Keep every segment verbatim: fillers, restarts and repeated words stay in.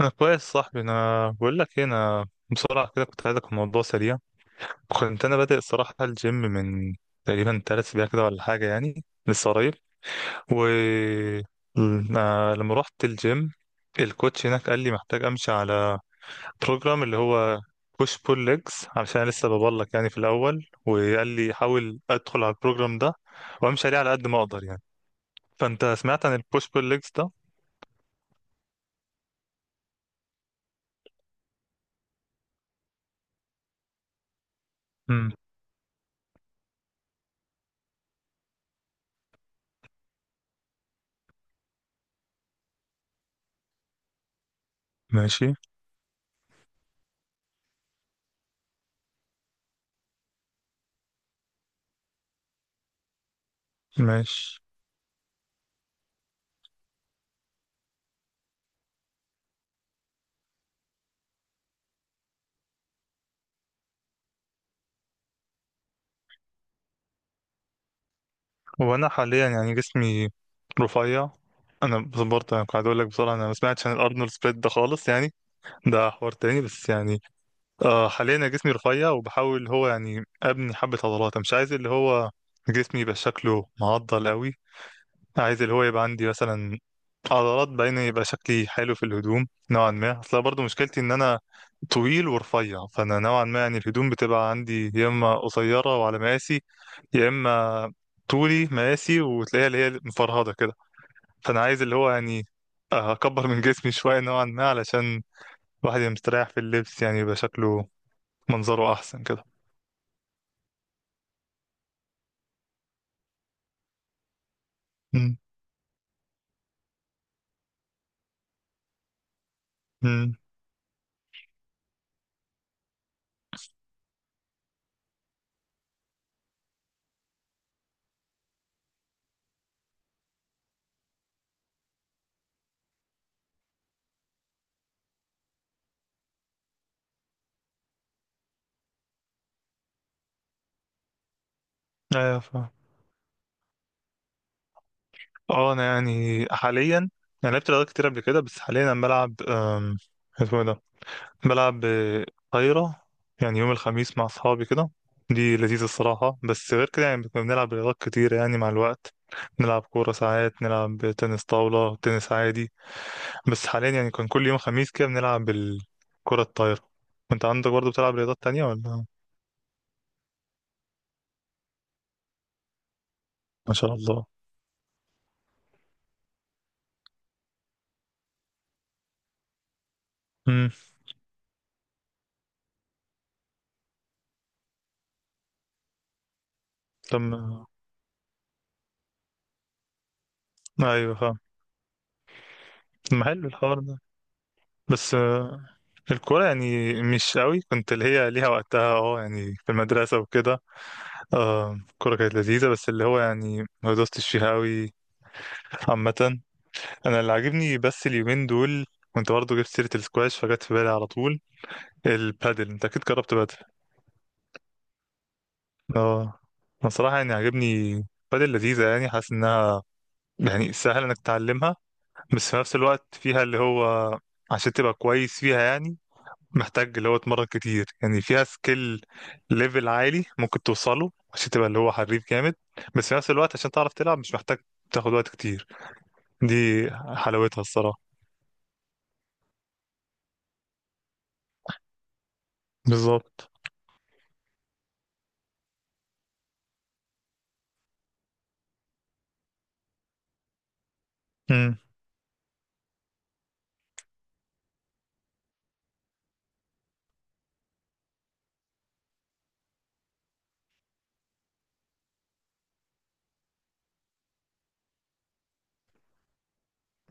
انا كويس صاحبي، انا بقول لك ايه، انا بسرعه كده كنت عايزك في موضوع سريع. كنت انا بادئ الصراحه الجيم من تقريبا ثلاث اسابيع كده ولا حاجه، يعني لسه قريب. و ل- آه، لما رحت الجيم الكوتش هناك قال لي محتاج امشي على بروجرام اللي هو بوش بول ليجز، علشان أنا لسه ببلك يعني في الاول. وقال لي حاول ادخل على البروجرام ده وامشي عليه على قد ما اقدر يعني. فانت سمعت عن البوش بول ليجز ده؟ امم. ماشي. ماشي. هو انا حاليا يعني جسمي رفيع. انا بس برضه يعني قاعد اقول لك بصراحه انا ما سمعتش عن الارنولد سبليت ده خالص يعني، ده حوار تاني بس يعني. آه حاليا انا جسمي رفيع، وبحاول هو يعني ابني حبه عضلات. أنا مش عايز اللي هو جسمي يبقى شكله معضل قوي. عايز اللي هو يبقى عندي مثلا عضلات، بين يبقى شكلي حلو في الهدوم نوعا ما. اصل برضه مشكلتي ان انا طويل ورفيع، فانا نوعا ما يعني الهدوم بتبقى عندي يا اما قصيره وعلى مقاسي، يا اما طولي مقاسي وتلاقيها اللي هي مفرهده كده. فانا عايز اللي هو يعني اكبر من جسمي شويه نوعا ما علشان الواحد يبقى مستريح في اللبس، يعني يبقى شكله منظره احسن كده. امم. امم. ايوه. اه انا يعني حاليا انا لعبت رياضات كتير قبل كده، بس حاليا انا بلعب أم، اسمه إيه ده، بلعب آه، طايرة، يعني يوم الخميس مع اصحابي كده. دي لذيذة الصراحة. بس غير كده يعني كنا بنلعب رياضات كتير يعني مع الوقت، نلعب كورة، ساعات نلعب تنس طاولة، تنس عادي. بس حاليا يعني كان كل يوم خميس كده بنلعب الكرة الطايرة. وانت عندك برضه بتلعب رياضات تانية ولا؟ ما شاء الله. امم. تم. ايوه فاهم. طب ما حلو الحوار. بس آه، الكورة يعني مش قوي كنت اللي هي ليها وقتها، اه يعني في المدرسة وكده. آه، الكورة كانت لذيذة، بس اللي هو يعني ما دوستش فيها قوي عامة. أنا اللي عاجبني بس اليومين دول كنت برضه جبت سيرة السكواش، فجت في بالي على طول البادل. أنت أكيد جربت بادل. اه. أنا صراحة يعني عاجبني بادل لذيذة، يعني حاسس إنها يعني سهل إنك تتعلمها. بس في نفس الوقت فيها اللي هو عشان تبقى كويس فيها يعني محتاج اللي هو اتمرن كتير، يعني فيها سكيل ليفل عالي ممكن توصله عشان تبقى اللي هو حريف جامد. بس في نفس الوقت عشان تعرف تلعب مش محتاج تاخد وقت كتير. دي حلاوتها الصراحة. بالظبط. امم.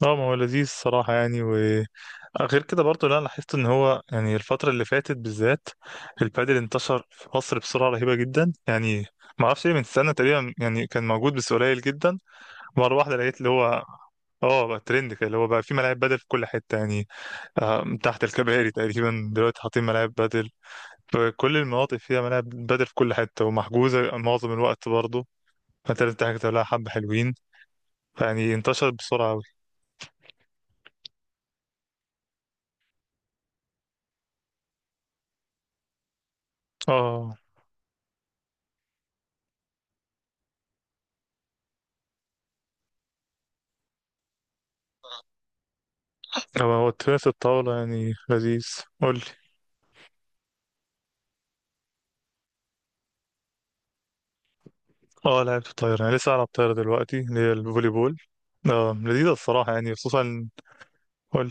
اه ما هو لذيذ الصراحة يعني. وغير كده برضه لا لاحظت ان هو يعني الفترة اللي فاتت بالذات البادل انتشر في مصر بسرعة رهيبة جدا يعني. ما اعرفش ليه، من سنة تقريبا يعني كان موجود بس قليل جدا. مرة واحدة لقيت اللي هو اه بقى ترند كده، اللي هو بقى في ملاعب بدل في كل حته يعني. آه، من تحت الكباري تقريبا دلوقتي حاطين ملاعب بدل في كل المناطق، فيها ملاعب بدل في كل حتة ومحجوزة معظم الوقت برضه، فانت لازم تحجز لها حبة حلوين. يعني انتشرت بسرعة أوي. اه. هو هو تنس الطاولة يعني لذيذ. قولي. اه لعبت الطايرة، أنا لسه ألعب طايرة دلوقتي اللي هي الفولي بول. اه لذيذة الصراحة يعني خصوصا. قولي.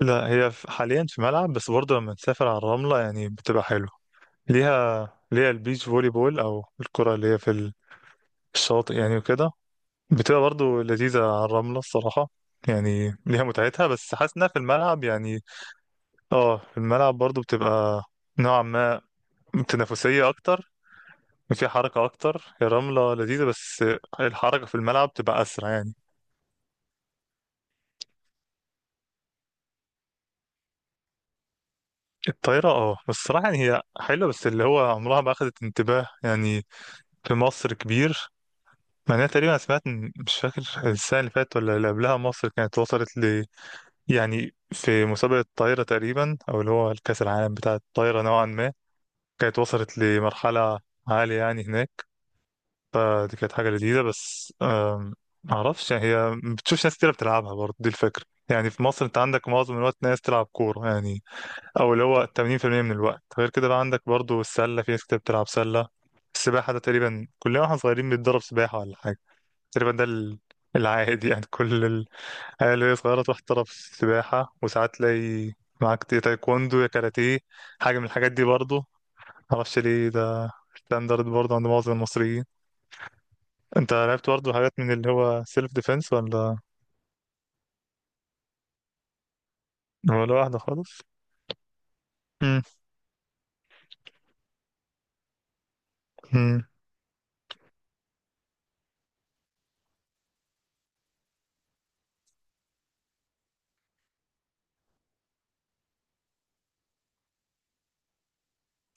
لا هي ف- حاليا في ملعب، بس برضه لما تسافر على الرملة يعني بتبقى حلوة. ليها ليها البيتش فولي بول، أو الكرة اللي هي في الشاطئ يعني وكده. بتبقى برضه لذيذة على الرملة الصراحة، يعني ليها متعتها. بس حاسس انها في الملعب يعني اه في الملعب برضه بتبقى نوعا ما تنافسية أكتر، وفيها حركة أكتر. هي الرملة لذيذة بس الحركة في الملعب بتبقى أسرع يعني. الطايرة، اه بس الصراحة يعني هي حلوة، بس اللي هو عمرها ما أخدت انتباه يعني في مصر كبير. مع انها تقريبا أنا سمعت إن- مش فاكر السنة اللي فاتت ولا اللي قبلها، مصر كانت وصلت ل، يعني في مسابقة الطايرة تقريبا، أو اللي هو الكأس العالم بتاع الطايرة نوعا ما كانت وصلت لمرحلة عالية يعني هناك. فدي كانت حاجة لذيذة بس آم، معرفش يعني هي ما بتشوفش ناس كتير بتلعبها برضه، دي الفكرة. يعني في مصر انت عندك معظم الوقت ناس تلعب كورة يعني، او اللي هو ثمانين في المئة من الوقت. غير كده بقى عندك برضه السلة، في ناس كتير بتلعب سلة. السباحة ده تقريبا كلنا واحنا صغيرين بنتدرب سباحة ولا حاجة. تقريبا ده ال- العادي يعني كل العيال اللي هي صغيرة تروح تدرب سباحة، وساعات تلاقي معاك يا تايكوندو يا كاراتيه، حاجة من الحاجات دي برضه. معرفش ليه ده ستاندرد برضه عند معظم المصريين. انت لعبت برضه حاجات من اللي هو سيلف ديفense ولا؟ ولا واحدة خالص. مم. مم.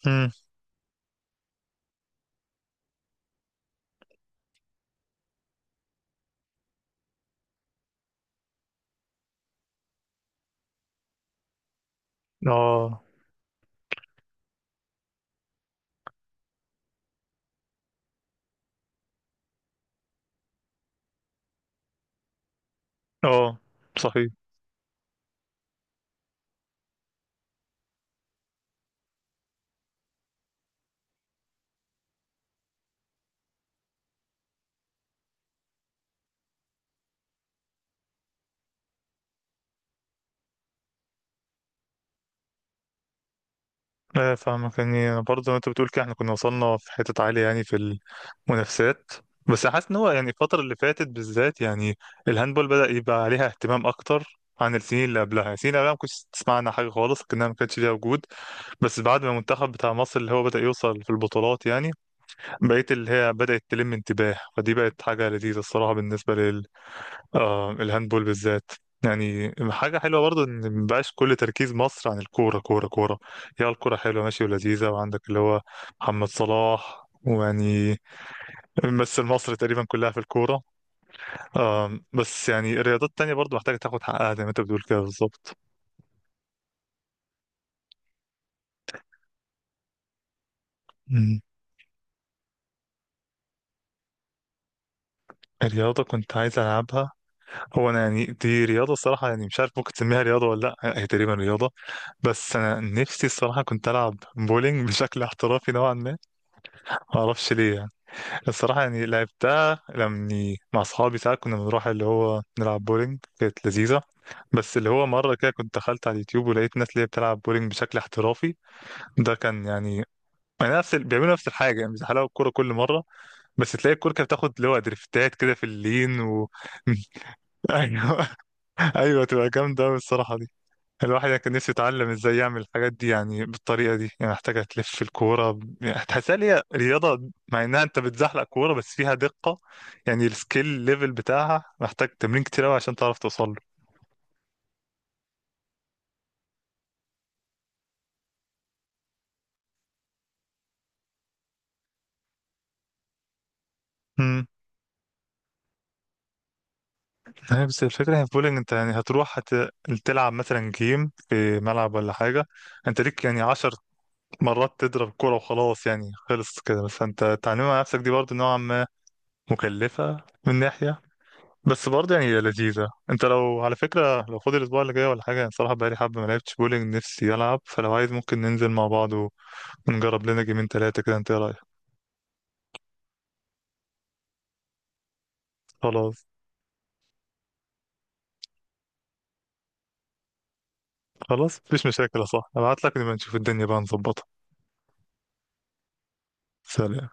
مم. اه اه صحيح. لا فاهمك، يعني برضه زي ما انت بتقول كده احنا كنا وصلنا في حتة عالية يعني في المنافسات. بس حاسس ان هو يعني الفترة اللي فاتت بالذات يعني الهاندبول بدأ يبقى عليها اهتمام اكتر عن السنين اللي قبلها. يعني السنين اللي قبلها ما كنتش تسمع عنها حاجة خالص كأنها ما كانتش ليها وجود. بس بعد ما المنتخب بتاع مصر اللي هو بدأ يوصل في البطولات يعني بقيت اللي هي بدأت تلم انتباه، فدي بقت حاجة لذيذة الصراحة بالنسبة لل آه الهاندبول بالذات. يعني حاجة حلوة برضه إن مبقاش كل تركيز مصر عن الكورة كورة كورة. هي الكورة حلوة ماشي ولذيذة، وعندك اللي هو محمد صلاح ويعني ممثل مصر تقريبا كلها في الكورة. آم، بس يعني الرياضات التانية برضه محتاجة تاخد حقها زي ما أنت بتقول كده بالظبط. مم. الرياضة كنت عايز ألعبها. هو انا يعني دي رياضه الصراحه يعني مش عارف ممكن تسميها رياضه ولا لا، هي تقريبا رياضه. بس انا نفسي الصراحه كنت العب بولينج بشكل احترافي نوعا ما. ما اعرفش ليه يعني، الصراحه يعني لعبتها لما مع اصحابي ساعات كنا بنروح اللي هو نلعب بولينج، كانت لذيذه. بس اللي هو مره كده كنت دخلت على اليوتيوب ولقيت ناس اللي هي بتلعب بولينج بشكل احترافي. ده كان يعني، يعني نفس ال... بيعملوا نفس الحاجه يعني بيزحلقوا الكوره كل مره، بس تلاقي الكوره كانت بتاخد اللي هو دريفتات كده في اللين و... ايوه. ايوه تبقى جامده أوي الصراحه. الواحد كان نفسه يتعلم ازاي يعمل الحاجات دي يعني بالطريقه دي، يعني محتاجه تلف الكوره ب- يعني هتحسها ليها رياضه مع انها انت بتزحلق كوره، بس فيها دقه يعني السكيل ليفل بتاعها محتاج تمرين كتير قوي عشان تعرف توصل له. امم. هي بس الفكره هي في بولينج انت يعني هتروح هت... تلعب مثلا جيم في ملعب ولا حاجه. انت ليك يعني عشر مرات تضرب الكوره وخلاص يعني خلص كده، بس انت تعلمها على نفسك دي برضه نوعا ما مكلفه من ناحيه. بس برضه يعني هي لذيذة. انت لو على فكرة لو فاضي الأسبوع اللي جاي ولا حاجة، يعني صراحة بقالي حبة ما لعبتش بولينج نفسي ألعب، فلو عايز ممكن ننزل مع بعض ونجرب لنا جيمين تلاتة كده. انت ايه رأيك؟ خلاص. خلاص مفيش مشاكل يا صاحبي، ابعت لك نبقى نشوف الدنيا بقى نظبطها. سلام.